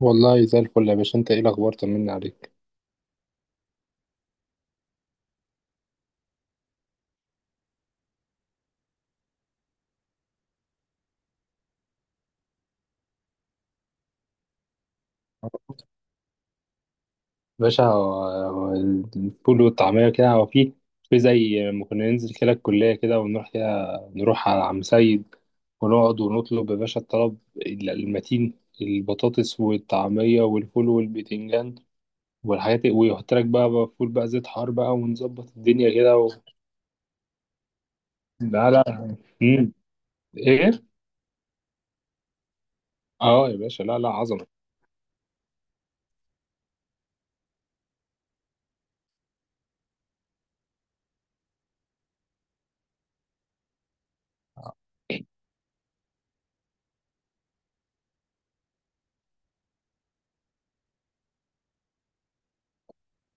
والله زي الفل يا باشا، انت ايه الاخبار؟ طمنا عليك. باشا، هو الفول والطعمية كده هو في زي ما كنا ننزل كده الكلية كده ونروح كده، نروح على عم سيد ونقعد ونطلب، يا باشا الطلب المتين: البطاطس والطعمية والفول والبتنجان والحاجات دي، ويحط لك بقى فول بقى، زيت حار بقى، ونظبط الدنيا كده و... لا لا، مم. ايه. اه يا باشا، لا لا، عظمة.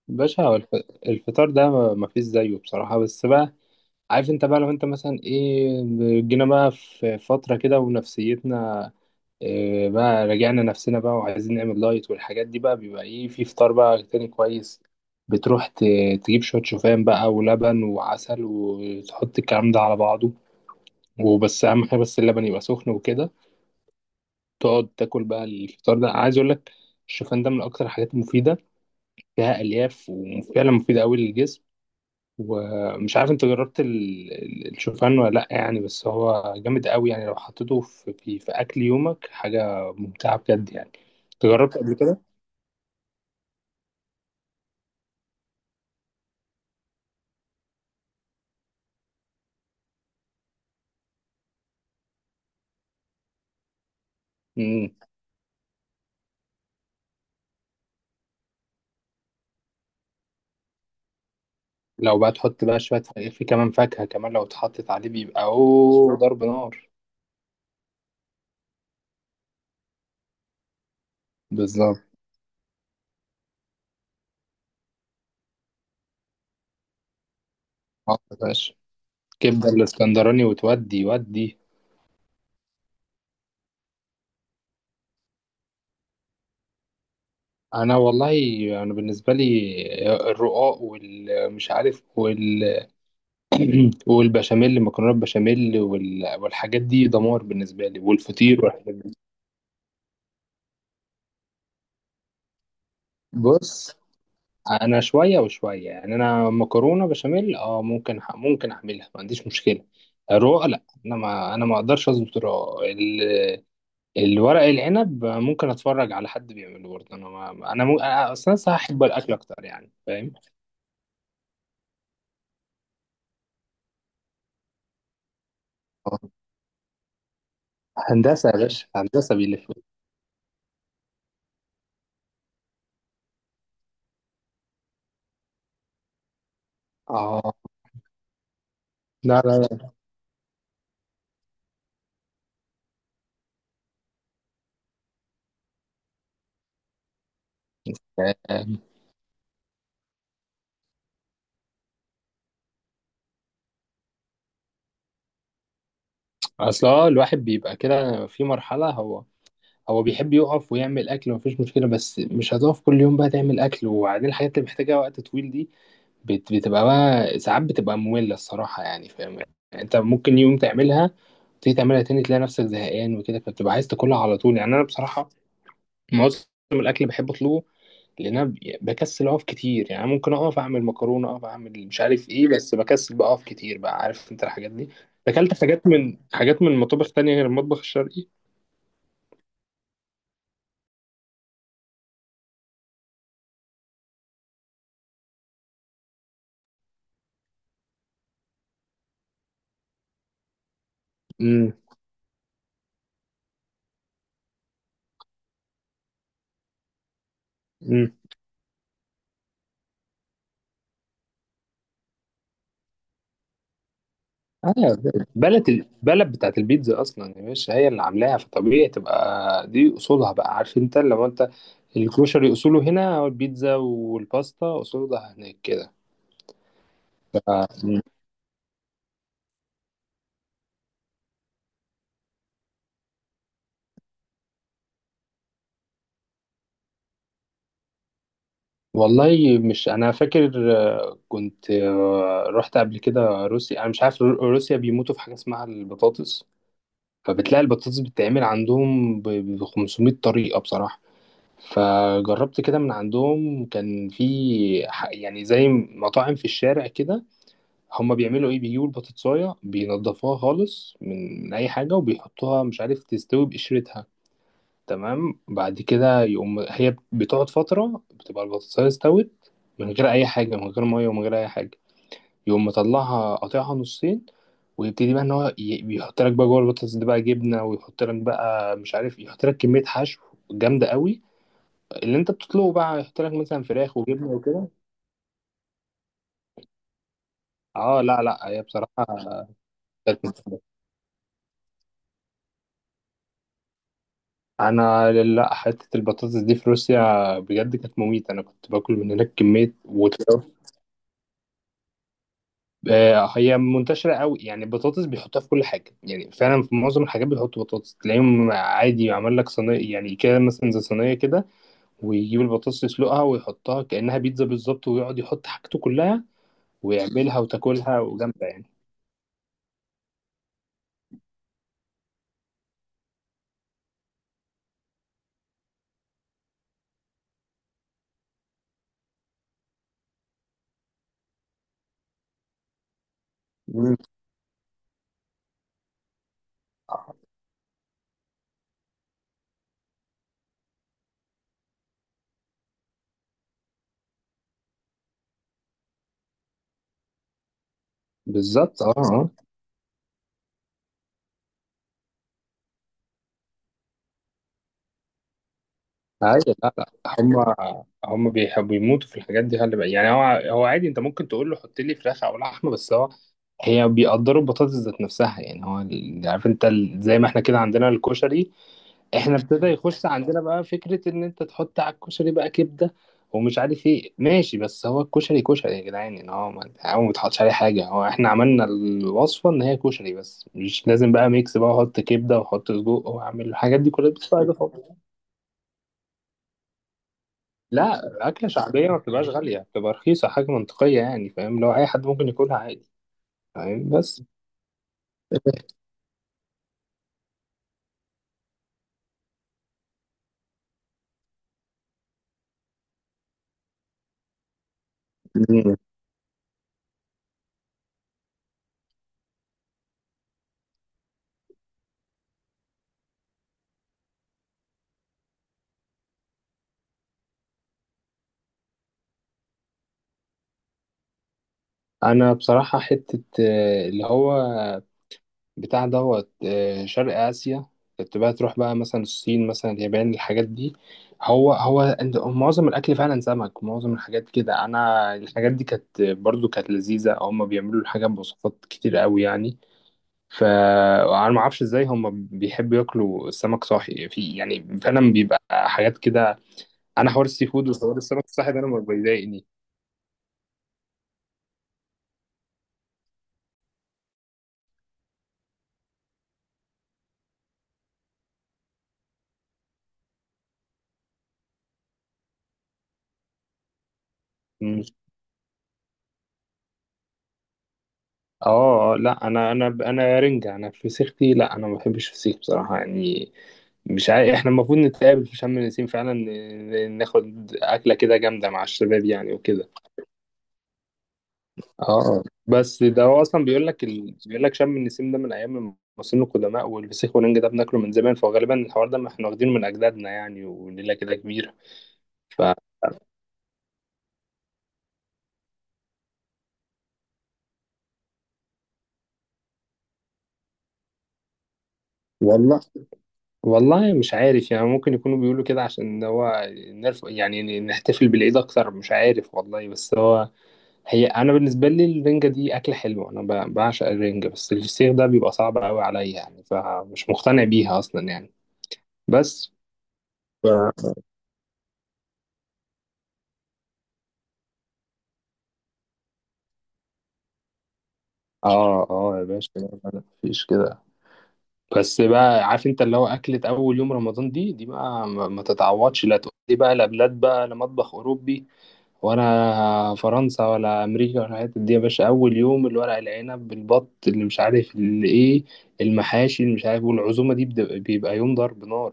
باشا، الفطار ده ما فيش زيه بصراحة، بس بقى عارف انت بقى، لو انت مثلا ايه جينا بقى في فترة كده ونفسيتنا إيه بقى، راجعنا نفسنا بقى وعايزين نعمل دايت والحاجات دي بقى، بيبقى ايه في فطار بقى تاني كويس. بتروح ت- تجيب شوية شوفان بقى ولبن وعسل وتحط الكلام ده على بعضه، وبس أهم حاجة بس اللبن يبقى سخن وكده، تقعد تاكل بقى. الفطار ده عايز أقول لك، الشوفان ده من أكتر الحاجات المفيدة، فيها ألياف وفعلا مفيدة أوي للجسم. ومش عارف انت جربت الشوفان ولا لا يعني، بس هو جامد قوي يعني لو حطيته في اكل يومك حاجه ممتعه بجد يعني. انت جربت قبل كده؟ امم لو بقى تحط بقى شويه في كمان فاكهه، كمان لو اتحطت عليه بيبقى اوه ضرب نار. بالظبط. اه يا باشا، كبده الاسكندراني وتودي ودي. انا والله، انا بالنسبه لي الرقاق والمش عارف وال والبشاميل، مكرونه بشاميل، وال... والحاجات دي دمار بالنسبه لي، والفطير والحاجات دي. بص، انا شويه وشويه يعني، انا مكرونه بشاميل اه ممكن ح... ممكن اعملها، ما عنديش مشكله. الرقاق لا، انا ما اقدرش اظبط الرقاق ال... الورق العنب ممكن اتفرج على حد بيعمله برضه. انا ما... انا, م... أنا اصلا هحب الاكل اكتر يعني، فاهم؟ آه. هندسه يا باشا، هندسه بيلف. اه، لا لا لا. آه، اصل هو الواحد بيبقى كده في مرحله، هو بيحب يقف ويعمل اكل، مفيش مشكله، بس مش هتقف كل يوم بقى تعمل اكل، وبعدين الحاجات اللي محتاجه وقت طويل دي بتبقى بقى ساعات بتبقى ممله الصراحه يعني، فاهم؟ يعني انت ممكن يوم تعملها، تيجي تعملها تاني تلاقي نفسك زهقان وكده، فبتبقى عايز تاكلها على طول يعني. انا بصراحه معظم الاكل بحب اطلبه، لان انا بكسل اقف كتير يعني. ممكن اقف اعمل مكرونه، اقف اعمل مش عارف ايه، بس بكسل بقى اقف كتير بقى، عارف انت الحاجات دي. اكلت حاجات من حاجات من مطابخ تانية غير المطبخ الشرقي؟ امم آه، بلد، البلد بتاعت البيتزا اصلا يا باشا هي اللي عاملاها، فطبيعي تبقى دي اصولها بقى، عارف انت لو انت الكروشري اصوله هنا او البيتزا والباستا اصولها هناك كده. ف- والله مش انا فاكر، آه، كنت آه، رحت قبل كده روسيا. انا مش عارف، روسيا بيموتوا في حاجه اسمها البطاطس، فبتلاقي البطاطس بتتعمل عندهم 500 طريقه بصراحه. فجربت كده من عندهم، كان في يعني زي مطاعم في الشارع كده. هما بيعملوا ايه، بيجيبوا البطاطساية، بينضفوها خالص من اي حاجة، وبيحطوها مش عارف تستوي بقشرتها. تمام. بعد كده يقوم هي بتقعد فترة، بتبقى البطاطساية استوت من غير اي حاجة، من غير مية ومن غير اي حاجة. يقوم مطلعها، قاطعها نصين، ويبتدي بقى ان هو بيحط لك بقى جوه البطاطس دي بقى جبنة، ويحط لك بقى مش عارف، يحط لك كمية حشو جامدة قوي. اللي انت بتطلبه بقى يحط لك مثلا فراخ وجبنة وكده. اه لا لا، هي بصراحة كانت، انا لا، حته البطاطس دي في روسيا بجد كانت مميته. انا كنت باكل من هناك كميه آه، هي منتشره قوي يعني. البطاطس بيحطوها في كل حاجه يعني، فعلا في معظم الحاجات بيحطوا بطاطس. تلاقيهم عادي عمل لك صينيه يعني كده، مثلا زي صينيه كده، ويجيب البطاطس يسلقها ويحطها كانها بيتزا بالظبط، ويقعد يحط حاجته كلها ويعملها وتاكلها، وجامده يعني. مم. بالظبط، اه اه. عادي، لا لا، هم هم بيحبوا يموتوا في الحاجات دي، خلي بالك يعني. هو عادي، انت ممكن تقول له حط لي فراخ او لحمه، بس هو، هي بيقدروا البطاطس ذات نفسها يعني. هو عارف انت زي ما احنا كده عندنا الكشري، احنا ابتدى يخش عندنا بقى فكره ان انت تحط على الكشري بقى كبده ومش عارف ايه، ماشي، بس هو الكشري كشري يا جدعان، ان هو ما هو ما بيتحطش عليه حاجه. هو احنا عملنا الوصفه ان هي كشري بس، مش لازم بقى ميكس بقى احط كبده واحط سجق واعمل الحاجات دي كلها بتبقى. لا، أكلة شعبية ما بتبقاش غالية، بتبقى رخيصة، حاجة منطقية يعني، فاهم؟ لو أي حد ممكن ياكلها عادي. فاهم؟ بس. مم. أنا بصراحة حتة آه، اللي هو بتاع دوت آه، شرق آسيا. كنت بقى تروح بقى مثلا الصين مثلا اليابان الحاجات دي. هو معظم الأكل فعلا سمك، معظم الحاجات كده. أنا الحاجات دي كانت برضو كانت لذيذة، هما بيعملوا الحاجات بوصفات كتير قوي يعني. فانا ما اعرفش ازاي هم بيحبوا ياكلوا السمك صاحي، في يعني فعلا بيبقى حاجات كده. انا حوار السي فود وحوار السمك الصاحي ده انا ما بيضايقني. مم. اه آه، لا انا رنجة، انا فسيختي، لا انا ما بحبش فسيخ بصراحة يعني. مش عارف احنا المفروض نتقابل في شم النسيم فعلا، ناخد اكلة كده جامدة مع الشباب يعني وكده. اه بس ده، هو اصلا بيقول لك ال... بيقول لك شم النسيم ده من ايام المصريين القدماء، والفسيخ والنجق ده بناكله من زمان، فغالبا الحوار ده ما احنا واخدينه من اجدادنا يعني، وليله كده كبيره. ف والله، والله مش عارف يعني. ممكن يكونوا بيقولوا كده عشان هو نرف... يعني نحتفل بالعيد اكتر، مش عارف والله. بس هو، هي انا بالنسبه لي الرنجه دي اكله حلوه، انا ب... بعشق الرنجه، بس الفسيخ ده بيبقى صعب قوي عليا يعني، فمش مقتنع بيها اصلا يعني. بس ف... اه اه يا باشا، لا، لا، مفيش كده. بس بقى عارف انت، اللي هو اكلة اول يوم رمضان دي بقى ما تتعوضش. لا تقول لي بقى لا بلاد بقى، لا مطبخ اوروبي ولا فرنسا ولا امريكا ولا الحتت دي يا باشا. اول يوم الورق العنب بالبط اللي مش عارف اللي ايه، المحاشي اللي مش عارف والعزومة دي بيبقى يوم ضرب نار.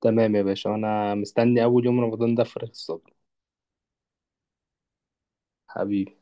تمام يا باشا، انا مستني اول يوم رمضان ده بفارغ الصبر. حبيبي.